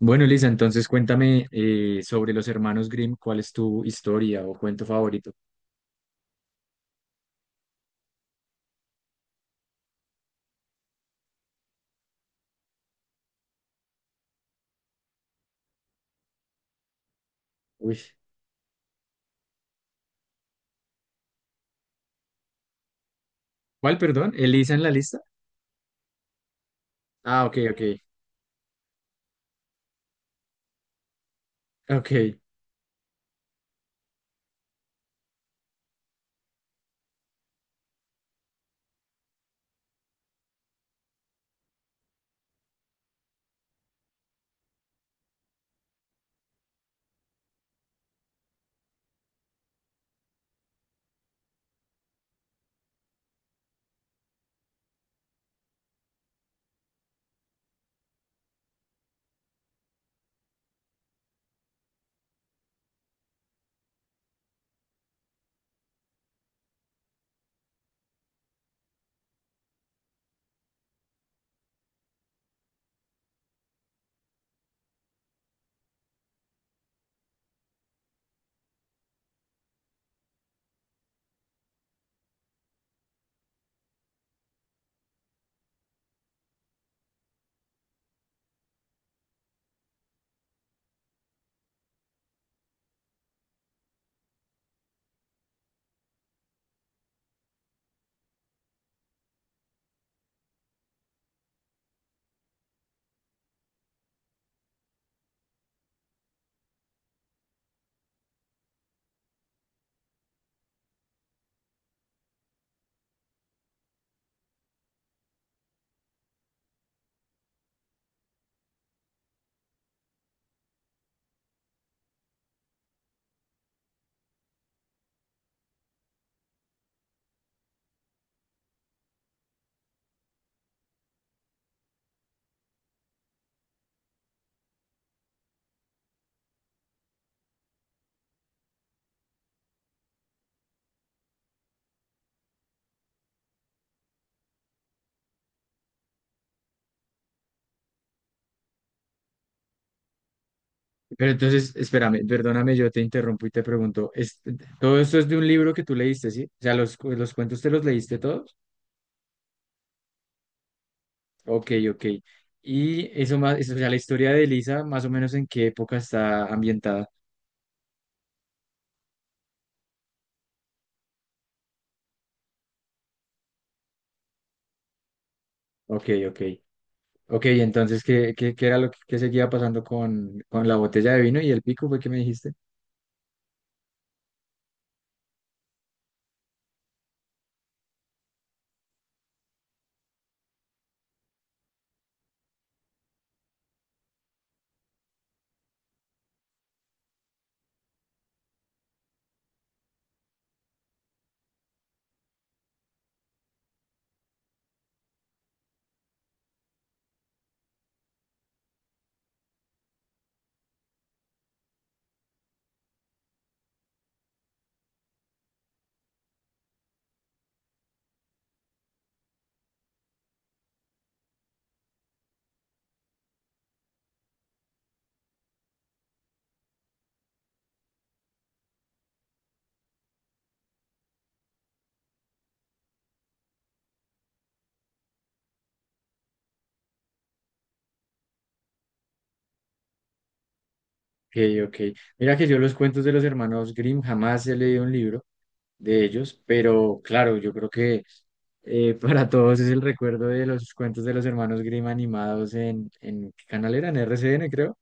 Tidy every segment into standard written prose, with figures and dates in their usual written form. Bueno, Elisa, entonces cuéntame sobre los hermanos Grimm, ¿cuál es tu historia o cuento favorito? Uy, ¿cuál, perdón? ¿Elisa en la lista? Ah, ok, ok, ok. Pero entonces, espérame, perdóname, yo te interrumpo y te pregunto, ¿todo esto es de un libro que tú leíste, sí? O sea, los cuentos te los leíste todos? Ok, ok. Y eso más, eso, o sea, la historia de Elisa, más o menos en qué época está ambientada. Ok, ok. Ok, entonces, ¿qué era lo que qué seguía pasando con la botella de vino y el pico fue que me dijiste? Ok. Ok. Mira que yo los cuentos de los hermanos Grimm jamás he leído un libro de ellos, pero claro, yo creo que para todos es el recuerdo de los cuentos de los hermanos Grimm animados en ¿qué canal era? En RCN, creo.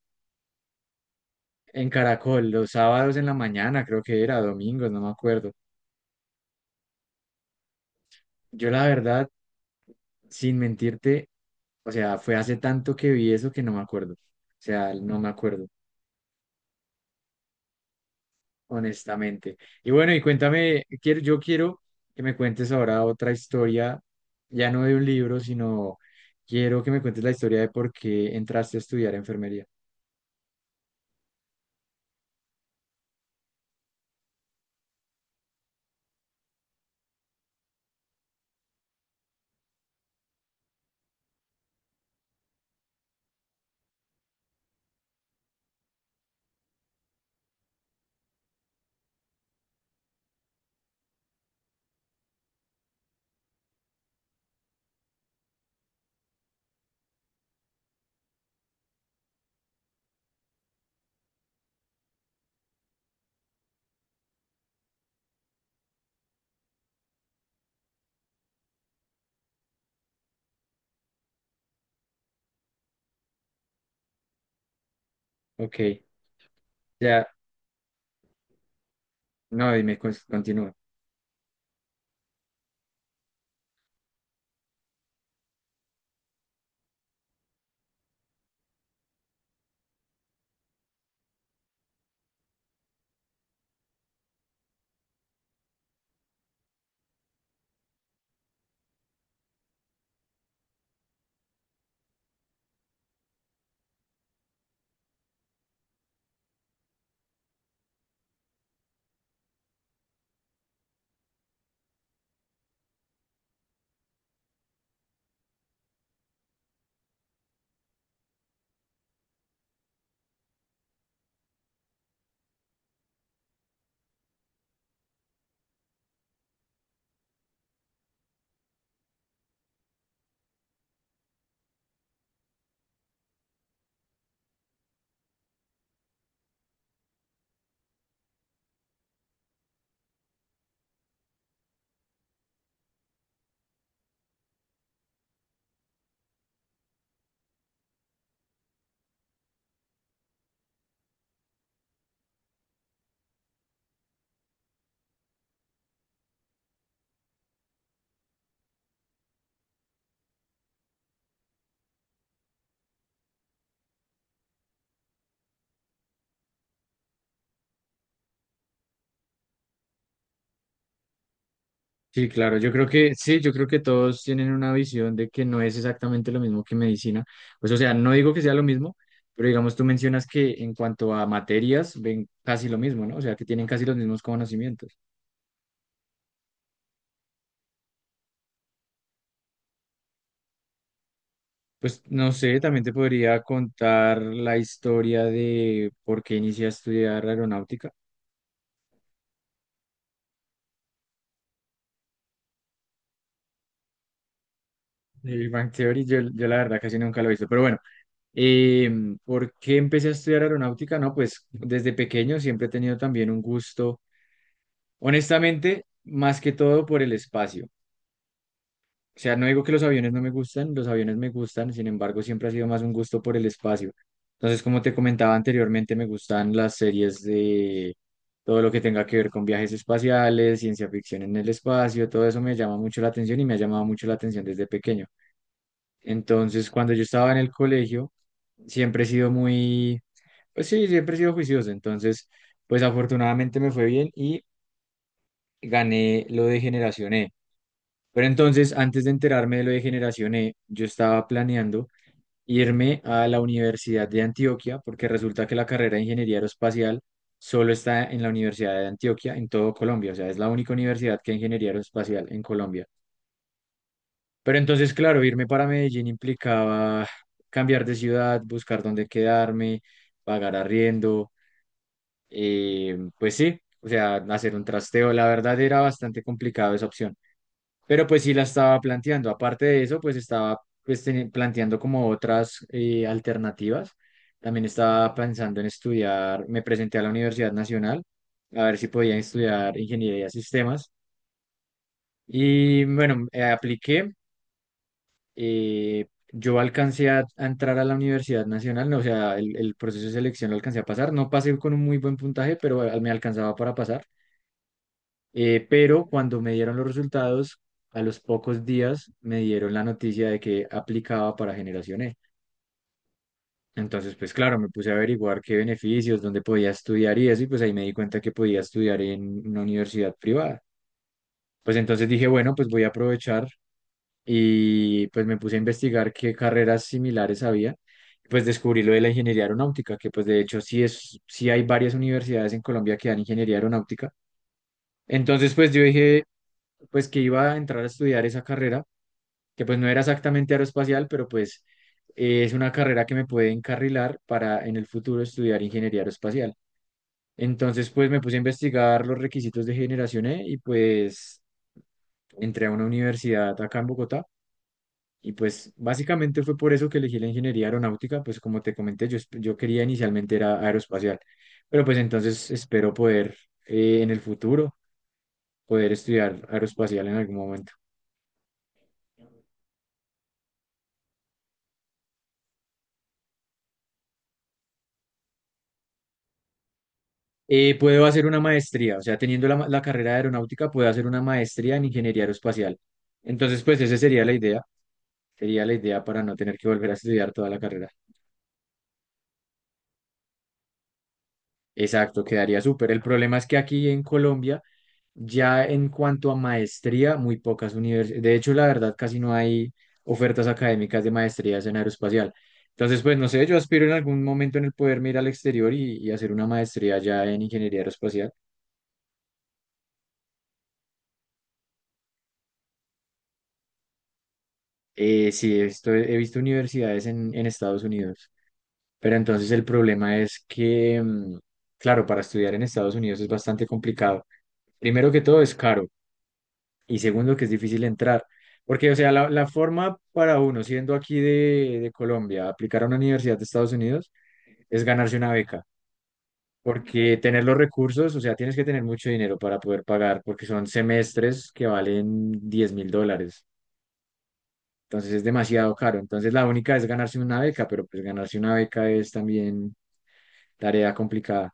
En Caracol, los sábados en la mañana, creo que era, domingos, no me acuerdo. Yo la verdad, sin mentirte, o sea, fue hace tanto que vi eso que no me acuerdo. O sea, no me acuerdo, honestamente. Y bueno, y cuéntame, quiero, yo quiero que me cuentes ahora otra historia, ya no de un libro, sino quiero que me cuentes la historia de por qué entraste a estudiar enfermería. Ok, ya, no, dime, continúa. Sí, claro, yo creo que sí, yo creo que todos tienen una visión de que no es exactamente lo mismo que medicina. Pues, o sea, no digo que sea lo mismo, pero digamos, tú mencionas que en cuanto a materias ven casi lo mismo, ¿no? O sea, que tienen casi los mismos conocimientos. Pues no sé, también te podría contar la historia de por qué inicié a estudiar aeronáutica. El Big Bang Theory, yo la verdad casi nunca lo he visto, pero bueno, ¿por qué empecé a estudiar aeronáutica? No, pues desde pequeño siempre he tenido también un gusto, honestamente, más que todo por el espacio. O sea, no digo que los aviones no me gustan, los aviones me gustan, sin embargo, siempre ha sido más un gusto por el espacio. Entonces, como te comentaba anteriormente, me gustan las series de todo lo que tenga que ver con viajes espaciales, ciencia ficción en el espacio, todo eso me llama mucho la atención y me ha llamado mucho la atención desde pequeño. Entonces, cuando yo estaba en el colegio, siempre he sido muy, pues sí, siempre he sido juicioso. Entonces, pues afortunadamente me fue bien y gané lo de Generación E. Pero entonces, antes de enterarme de lo de Generación E, yo estaba planeando irme a la Universidad de Antioquia, porque resulta que la carrera de Ingeniería Aeroespacial solo está en la Universidad de Antioquia, en todo Colombia. O sea, es la única universidad que hay Ingeniería Aeroespacial en Colombia. Pero entonces, claro, irme para Medellín implicaba cambiar de ciudad, buscar dónde quedarme, pagar arriendo, pues sí, o sea, hacer un trasteo. La verdad era bastante complicado esa opción. Pero pues sí la estaba planteando. Aparte de eso, pues estaba pues, planteando como otras alternativas. También estaba pensando en estudiar, me presenté a la Universidad Nacional a ver si podía estudiar ingeniería de sistemas. Y bueno, apliqué. eh, yo alcancé a entrar a la Universidad Nacional, no, o sea, el proceso de selección lo alcancé a pasar. No pasé con un muy buen puntaje, pero me alcanzaba para pasar. Pero cuando me dieron los resultados, a los pocos días me dieron la noticia de que aplicaba para Generación E. Entonces, pues claro, me puse a averiguar qué beneficios, dónde podía estudiar y eso, y pues ahí me di cuenta que podía estudiar en una universidad privada. Pues entonces dije, bueno, pues voy a aprovechar y pues me puse a investigar qué carreras similares había. Pues descubrí lo de la ingeniería aeronáutica, que pues de hecho sí es, sí hay varias universidades en Colombia que dan ingeniería aeronáutica. Entonces, pues yo dije, pues que iba a entrar a estudiar esa carrera que pues no era exactamente aeroespacial, pero pues es una carrera que me puede encarrilar para en el futuro estudiar ingeniería aeroespacial. Entonces pues me puse a investigar los requisitos de Generación E y pues entré a una universidad acá en Bogotá y pues básicamente fue por eso que elegí la ingeniería aeronáutica, pues como te comenté, yo quería inicialmente era aeroespacial, pero pues entonces espero poder en el futuro poder estudiar aeroespacial en algún momento. Puedo hacer una maestría, o sea, teniendo la carrera de aeronáutica, puedo hacer una maestría en ingeniería aeroespacial. Entonces, pues esa sería la idea para no tener que volver a estudiar toda la carrera. Exacto, quedaría súper. El problema es que aquí en Colombia, ya en cuanto a maestría, muy pocas universidades, de hecho, la verdad, casi no hay ofertas académicas de maestrías en aeroespacial. Entonces, pues no sé, yo aspiro en algún momento en el poderme ir al exterior y hacer una maestría ya en ingeniería aeroespacial. Sí, esto he visto universidades en Estados Unidos, pero entonces el problema es que, mm, claro, para estudiar en Estados Unidos es bastante complicado. Primero que todo es caro y segundo que es difícil entrar, porque, o sea, la forma para uno, siendo aquí de Colombia, aplicar a una universidad de Estados Unidos es ganarse una beca, porque tener los recursos, o sea, tienes que tener mucho dinero para poder pagar, porque son semestres que valen $10,000. Entonces es demasiado caro. Entonces la única es ganarse una beca, pero pues ganarse una beca es también tarea complicada.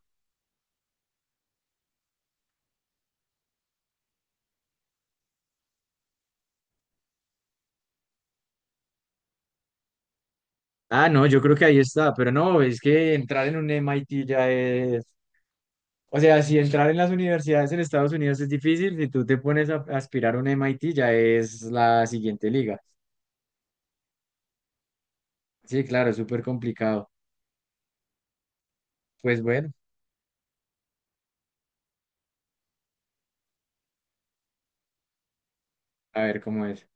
Ah, no, yo creo que ahí está, pero no, es que entrar en un MIT ya es... O sea, si entrar en las universidades en Estados Unidos es difícil, si tú te pones a aspirar a un MIT ya es la siguiente liga. Sí, claro, es súper complicado. Pues bueno, a ver cómo es.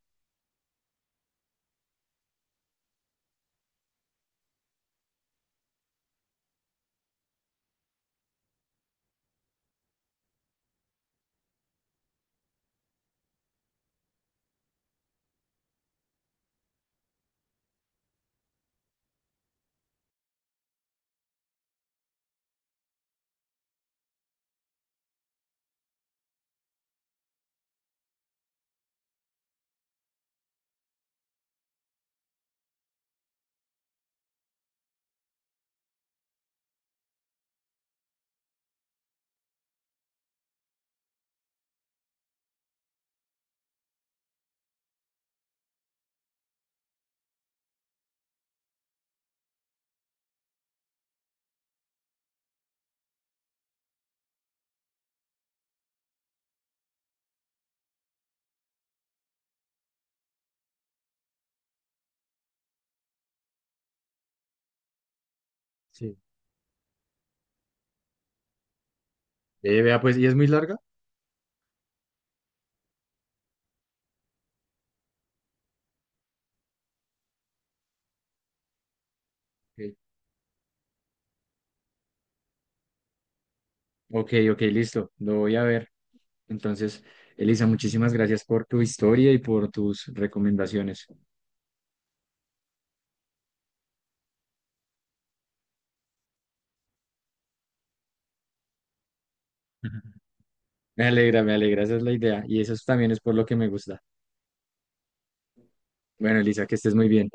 Sí. Vea, pues, ¿y es muy larga? Ok, ok, ok, listo, lo voy a ver. Entonces, Elisa, muchísimas gracias por tu historia y por tus recomendaciones. Me alegra, esa es la idea y eso también es por lo que me gusta. Bueno, Elisa, que estés muy bien.